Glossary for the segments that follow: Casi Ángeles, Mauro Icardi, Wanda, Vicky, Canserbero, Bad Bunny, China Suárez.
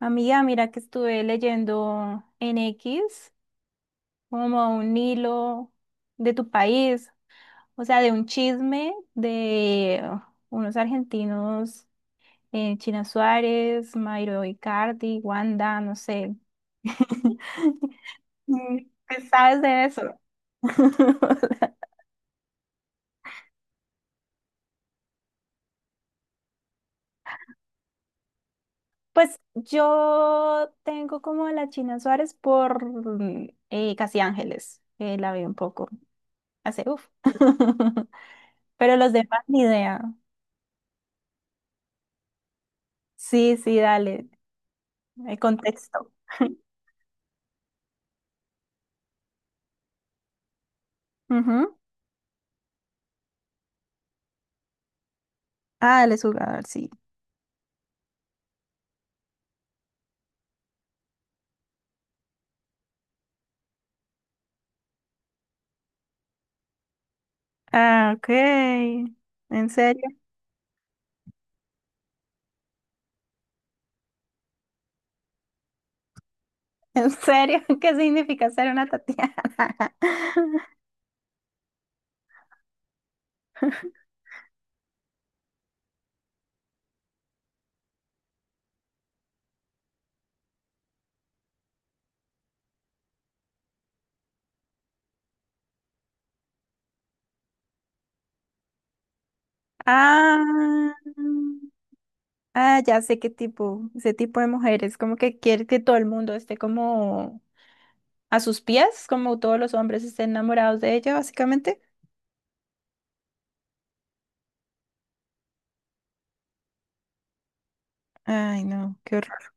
Amiga, mira que estuve leyendo en X como un hilo de tu país, o sea, de un chisme de unos argentinos, China Suárez, Mauro Icardi, Wanda, no sé. Mm, ¿Qué sabes de eso? Pues yo tengo como a la China Suárez por Casi Ángeles, que la vi un poco hace uff. Pero los demás ni idea. Sí, sí, dale, el contexto. Ujú. Ah, él es jugador, sí. Ah, ok. ¿En serio? ¿En serio? ¿Qué significa ser una Tatiana? Ah, ah, ya sé qué tipo, ese tipo de mujeres, como que quiere que todo el mundo esté como a sus pies, como todos los hombres estén enamorados de ella, básicamente. Ay, no, qué horror.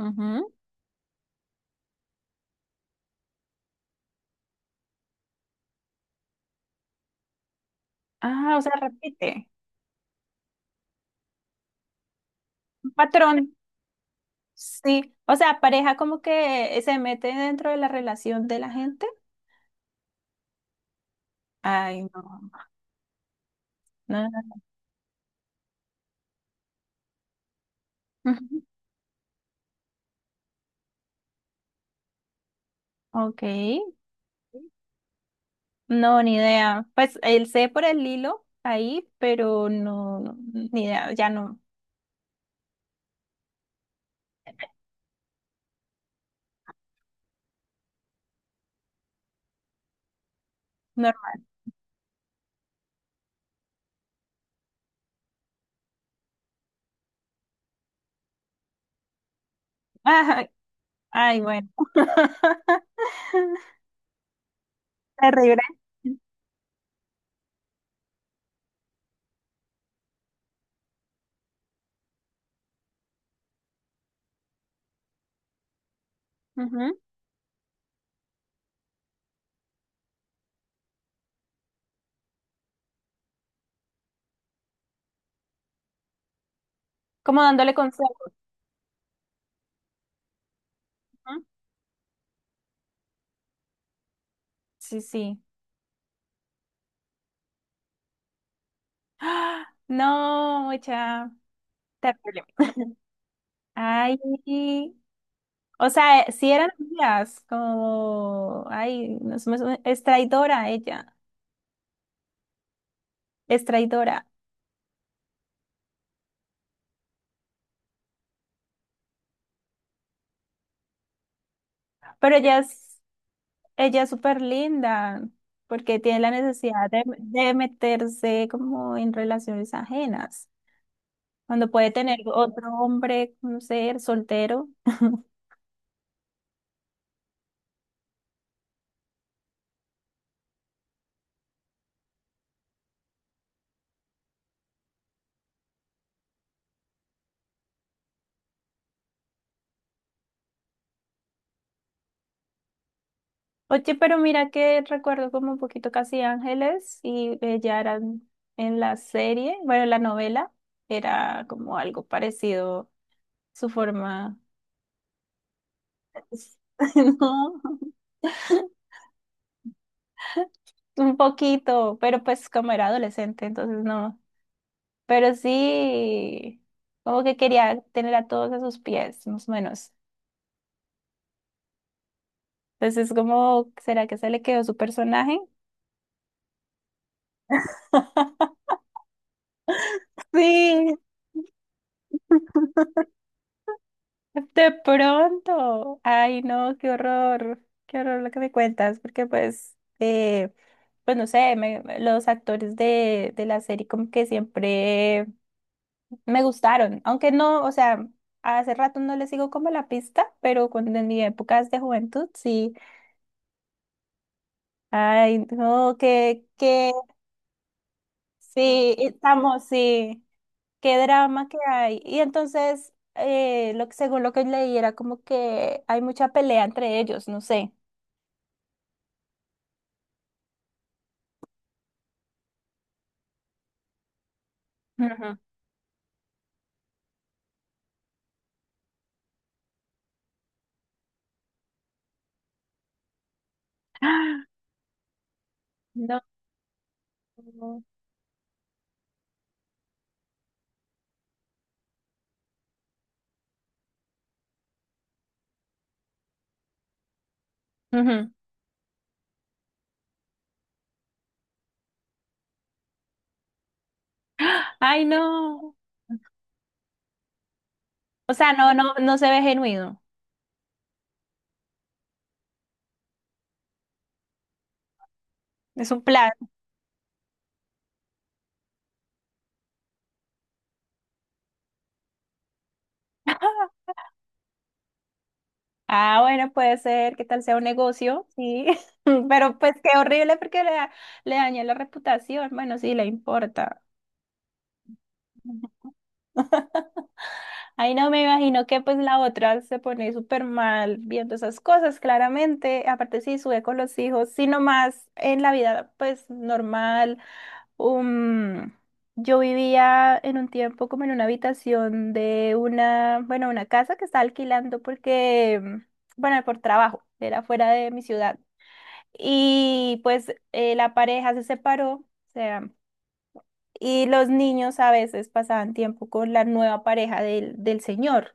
Ujú. Ah, o sea, repite. Un patrón. Sí. O sea, pareja como que se mete dentro de la relación de la gente. Ay, no. No. Ok, no, ni idea. Pues él sé por el hilo ahí, pero no, no, ni idea, ya no, normal. Ajá, ay, bueno. Terrible. Ujú. Como dándole consejos. Ujú. Sí, sí. ¡Ah! No, mucha. Terrible. Ay, o sea, si eran amigas, como, ay, no somos- es traidora ella, es traidora. Pero ella es, ella es súper linda porque tiene la necesidad de meterse como en relaciones ajenas, cuando puede tener otro hombre, no sé, soltero. Oye, pero mira que recuerdo como un poquito Casi Ángeles y ella era en la serie, bueno, en la novela era como algo parecido su forma. No, un poquito, pero pues como era adolescente, entonces no. Pero sí, como que quería tener a todos a sus pies, más o menos. Entonces es como, ¿será que se le quedó su personaje? Sí, de pronto. Ay, no, qué horror lo que me cuentas, porque pues, pues no sé, los actores de la serie como que siempre me gustaron, aunque no, o sea, hace rato no les sigo como la pista, pero cuando en mi época de juventud, sí. Ay, no, que sí, estamos, sí, qué drama que hay. Y entonces, lo que, según lo que leí, era como que hay mucha pelea entre ellos, no sé. Ujú. ¡Ah! No. Ujú. ¡Ah! Ay, no. O sea, no, no, no se ve genuino. Es un plan. Ah, bueno, puede ser, que tal sea un negocio, sí. Pero pues qué horrible porque le daña la reputación. Bueno, sí, le importa. Ahí no me imagino que pues la otra se pone súper mal viendo esas cosas, claramente. Aparte sí, sube con los hijos, sino más en la vida pues normal. Um, yo vivía en un tiempo como en una habitación de una, bueno, una casa que estaba alquilando porque, bueno, por trabajo, era fuera de mi ciudad. Y pues la pareja se separó, o sea, y los niños a veces pasaban tiempo con la nueva pareja del señor.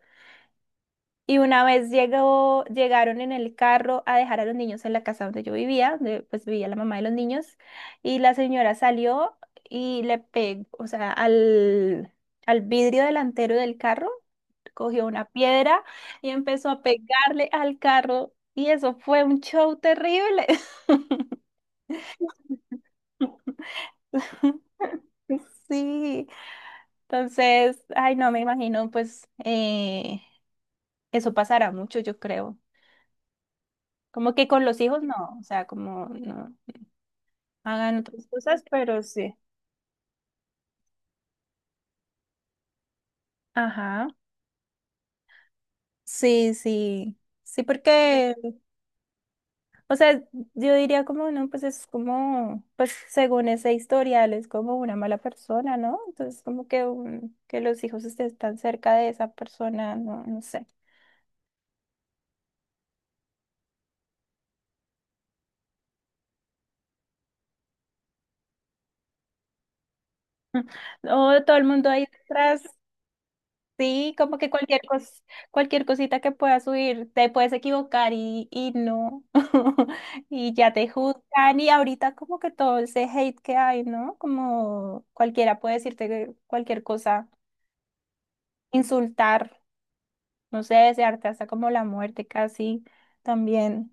Y una vez llegaron en el carro a dejar a los niños en la casa donde yo vivía, donde pues vivía la mamá de los niños, y la señora salió y le pegó, o sea, al vidrio delantero del carro, cogió una piedra y empezó a pegarle al carro, y eso fue un show terrible. Sí, entonces, ay, no me imagino, pues eso pasará mucho, yo creo. Como que con los hijos no, o sea, como no hagan otras cosas, pero sí. Ajá, sí, sí, sí, porque, o sea, yo diría como, no, pues es como, pues según ese historial, es como una mala persona, ¿no? Entonces, como que, que los hijos estén tan cerca de esa persona, no, no sé. O todo el mundo ahí detrás. Sí, como que cualquier cosita que puedas subir, te puedes equivocar y no, y ya te juzgan, y ahorita como que todo ese hate que hay, ¿no? Como cualquiera puede cualquier cosa, insultar, no sé, desearte hasta como la muerte casi también.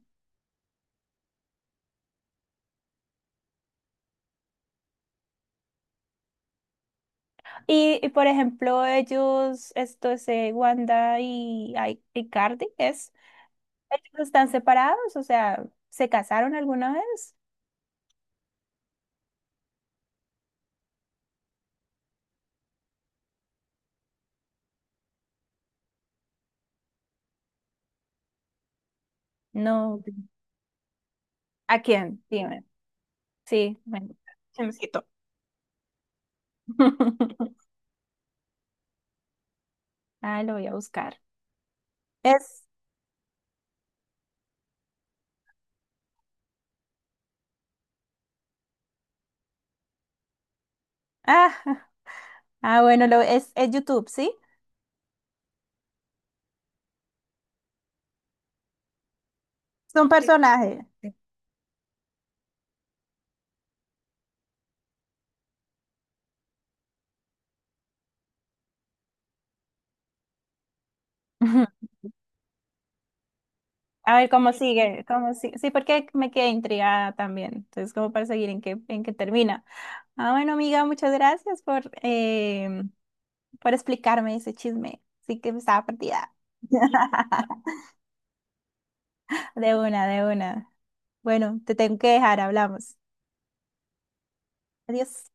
Y, por ejemplo, ellos, esto es Wanda y, ay, y Cardi, ¿es? ¿Ellos están separados? O sea, ¿se casaron alguna vez? No. ¿A quién? Dime. Sí, bueno, chismecito. Ah, lo voy a buscar. Es, ah. Ah, bueno, es YouTube, ¿sí? Es un personaje. Ujú. A ver cómo sigue, cómo sigue. Sí, porque me quedé intrigada también. Entonces, como para seguir en qué termina. Ah, bueno, amiga, muchas gracias por, por explicarme ese chisme. Sí que estaba perdida. De una, de una. Bueno, te tengo que dejar, hablamos. Adiós.